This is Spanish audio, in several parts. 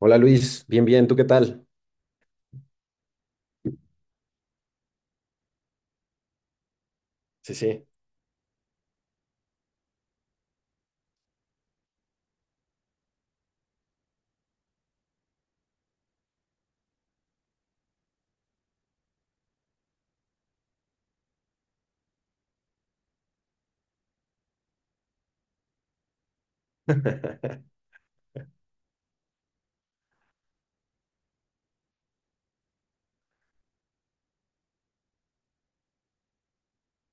Hola Luis, bien, bien, ¿tú qué tal? Sí, sí.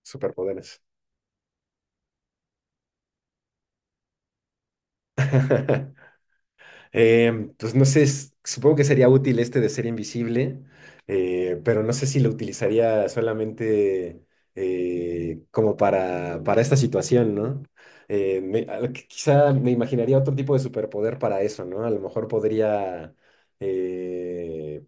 Superpoderes. Pues no sé, supongo que sería útil este de ser invisible, pero no sé si lo utilizaría solamente como para esta situación, ¿no? Quizá me imaginaría otro tipo de superpoder para eso, ¿no? A lo mejor podría, eh,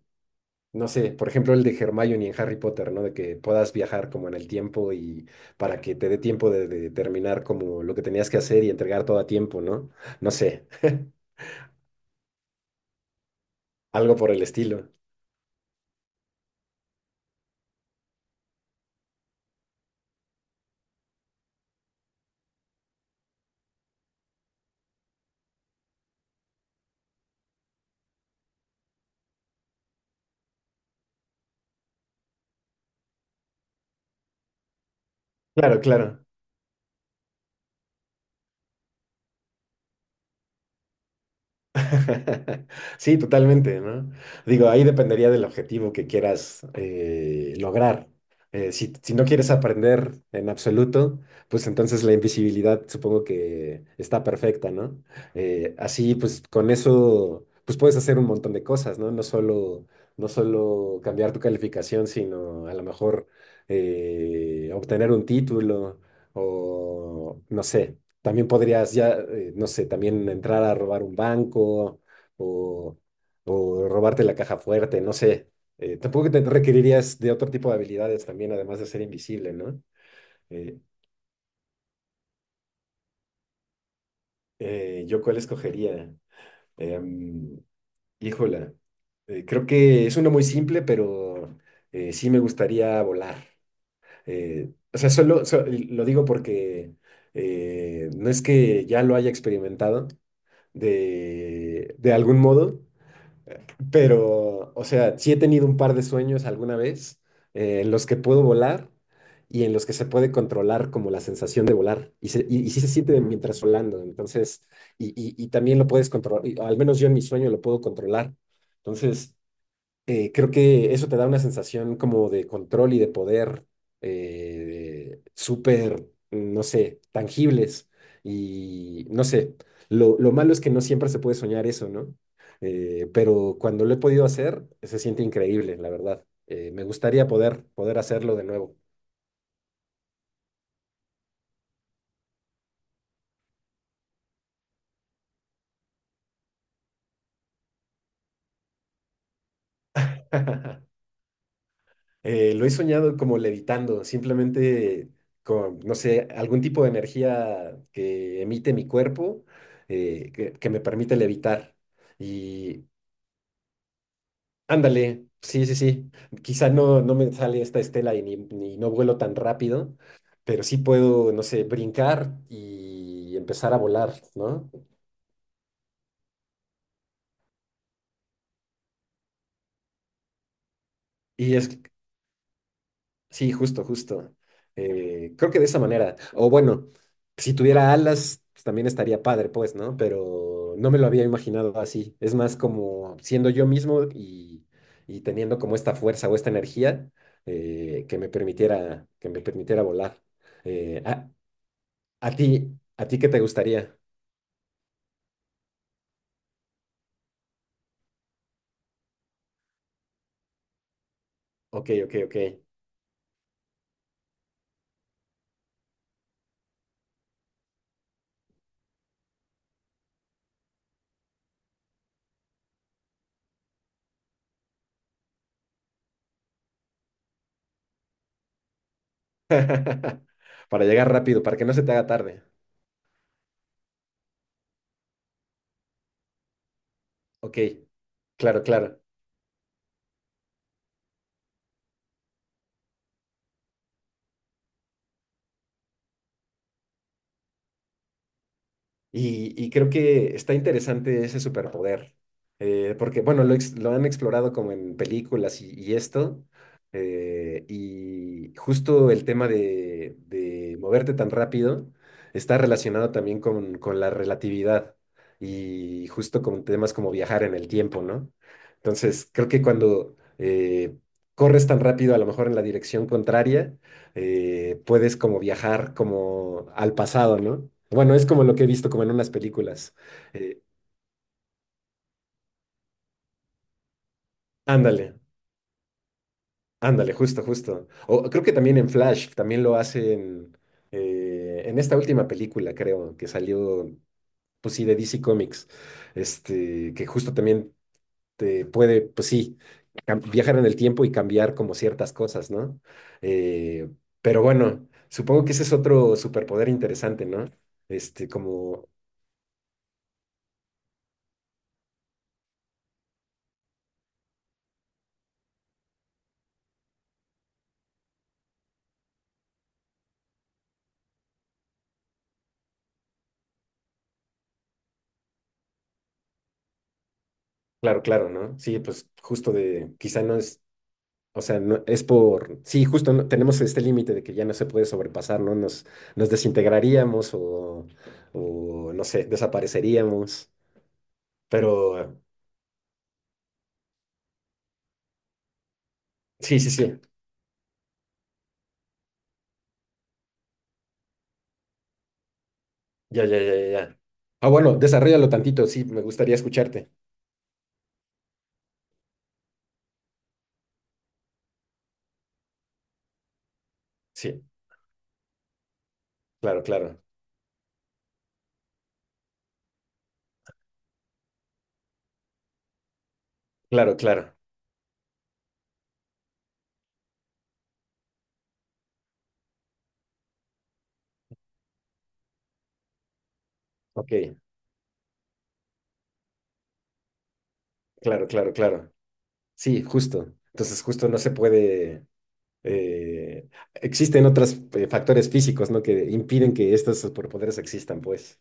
No sé, por ejemplo, el de Hermione en Harry Potter, ¿no? De que puedas viajar como en el tiempo y para que te dé tiempo de terminar como lo que tenías que hacer y entregar todo a tiempo, ¿no? No sé, algo por el estilo. Claro, claro. Sí, totalmente, ¿no? Digo, ahí dependería del objetivo que quieras lograr. Si no quieres aprender en absoluto, pues entonces la invisibilidad supongo que está perfecta, ¿no? Así, pues con eso, pues puedes hacer un montón de cosas, ¿no? No solo cambiar tu calificación, sino a lo mejor obtener un título o, no sé, también podrías ya, no sé, también entrar a robar un banco o, o robarte la caja fuerte, no sé. Tampoco te requerirías de otro tipo de habilidades también, además de ser invisible, ¿no? Eh, ¿Yo cuál escogería? Em, Híjola, creo que es uno muy simple, pero sí me gustaría volar. O sea, lo digo porque no es que ya lo haya experimentado de algún modo. Pero, o sea, sí he tenido un par de sueños alguna vez en los que puedo volar y en los que se puede controlar como la sensación de volar. Y sí se siente mientras volando. Entonces, y también lo puedes controlar, al menos yo en mi sueño lo puedo controlar. Entonces, creo que eso te da una sensación como de control y de poder súper, no sé, tangibles. Y no sé, lo malo es que no siempre se puede soñar eso, ¿no? Pero cuando lo he podido hacer, se siente increíble, la verdad. Me gustaría poder hacerlo de nuevo. Lo he soñado como levitando, simplemente con, no sé, algún tipo de energía que emite mi cuerpo, que me permite levitar. Y ándale, sí, sí, sí. Quizá no me sale esta estela ni no vuelo tan rápido, pero sí puedo, no sé, brincar y empezar a volar, ¿no? Y es sí, justo, justo. Creo que de esa manera. O bueno, si tuviera alas, pues, también estaría padre, pues, ¿no? Pero no me lo había imaginado así. Es más como siendo yo mismo y teniendo como esta fuerza o esta energía que me permitiera volar. Eh, a, a ti, ¿A ti qué te gustaría? Ok, ok, ok. Para llegar rápido, para que no se te haga tarde. Ok, claro, claro. Y creo que está interesante ese superpoder, porque, bueno, lo han explorado como en películas y esto, y justo el tema de moverte tan rápido está relacionado también con la relatividad y justo con temas como viajar en el tiempo, ¿no? Entonces, creo que cuando corres tan rápido, a lo mejor en la dirección contraria, puedes como viajar como al pasado, ¿no? Bueno, es como lo que he visto como en unas películas. Eh, Ándale, ándale, justo, justo. O creo que también en Flash, también lo hacen en esta última película, creo, que salió, pues sí, de DC Comics, este, que justo también te puede, pues sí, viajar en el tiempo y cambiar como ciertas cosas, ¿no? Eh, pero bueno, supongo que ese es otro superpoder interesante, ¿no? Este, como claro, claro, ¿no? Sí, pues justo de, quizá no es, o sea, no, es por, sí, justo tenemos este límite de que ya no se puede sobrepasar, ¿no? Nos desintegraríamos o, no sé, desapareceríamos, pero sí, sí, sí, ya, ya, ya, ya. Ya. Ah, bueno, desarrollalo tantito, sí, me gustaría escucharte. Sí, claro, claro, claro, claro, ok, claro, claro, claro. Sí, justo. Entonces, justo no se puede. eh, Existen otros factores físicos, ¿no? Que impiden que estos superpoderes existan, pues.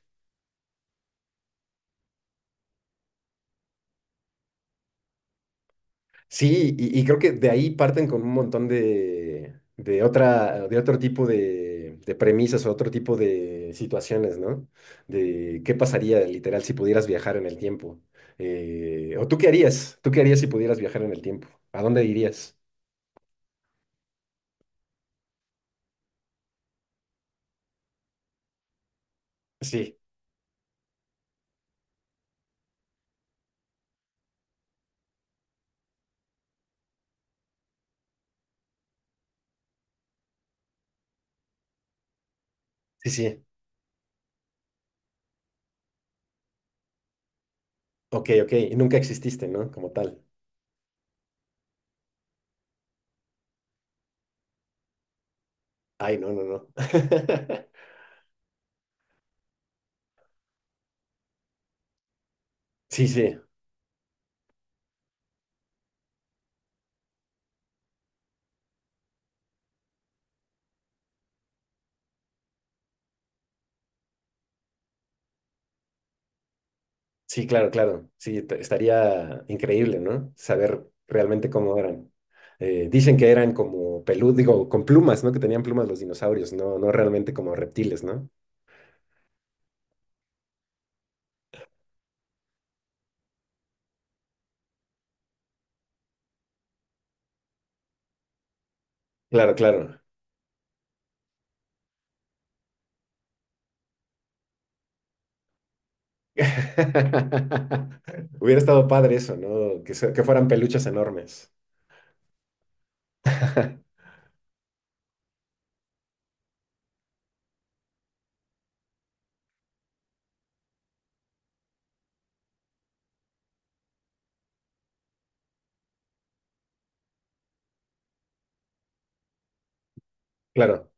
Sí, y creo que de ahí parten con un montón de otra, de otro tipo de premisas o otro tipo de situaciones, ¿no? De qué pasaría literal si pudieras viajar en el tiempo. O tú qué harías si pudieras viajar en el tiempo. ¿A dónde irías? Sí, sí, sí. Ok, ok. Y nunca exististe, ¿no? Como tal. Ay, no, no, no. Sí, sí. Sí, claro, claro. Sí, estaría increíble, ¿no? Saber realmente cómo eran. Dicen que eran como peludos, digo, con plumas, ¿no? Que tenían plumas los dinosaurios, no, no realmente como reptiles, ¿no? Claro, claro. Hubiera estado padre eso, ¿no? Que fueran peluches enormes. Claro.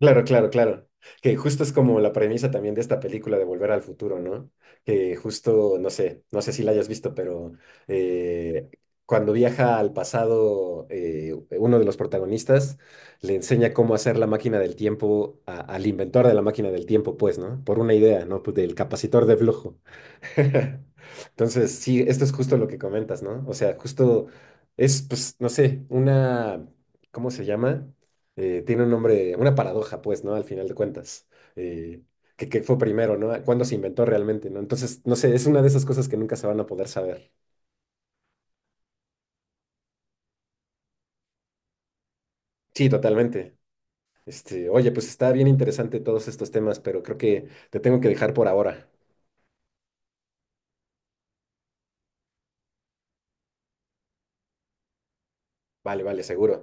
Claro, claro, claro. Que justo es como la premisa también de esta película de Volver al Futuro, ¿no? Que justo, no sé, no sé si la hayas visto, pero eh, cuando viaja al pasado, uno de los protagonistas le enseña cómo hacer la máquina del tiempo al inventor de la máquina del tiempo, pues, ¿no? Por una idea, ¿no? Pues del capacitor de flujo. Entonces, sí, esto es justo lo que comentas, ¿no? O sea, justo es, pues, no sé, una, ¿cómo se llama? Tiene un nombre, una paradoja, pues, ¿no? Al final de cuentas, eh, que fue primero, ¿no? ¿Cuándo se inventó realmente, ¿no? Entonces, no sé, es una de esas cosas que nunca se van a poder saber. Sí, totalmente. Este, oye, pues está bien interesante todos estos temas, pero creo que te tengo que dejar por ahora. Vale, vale, seguro.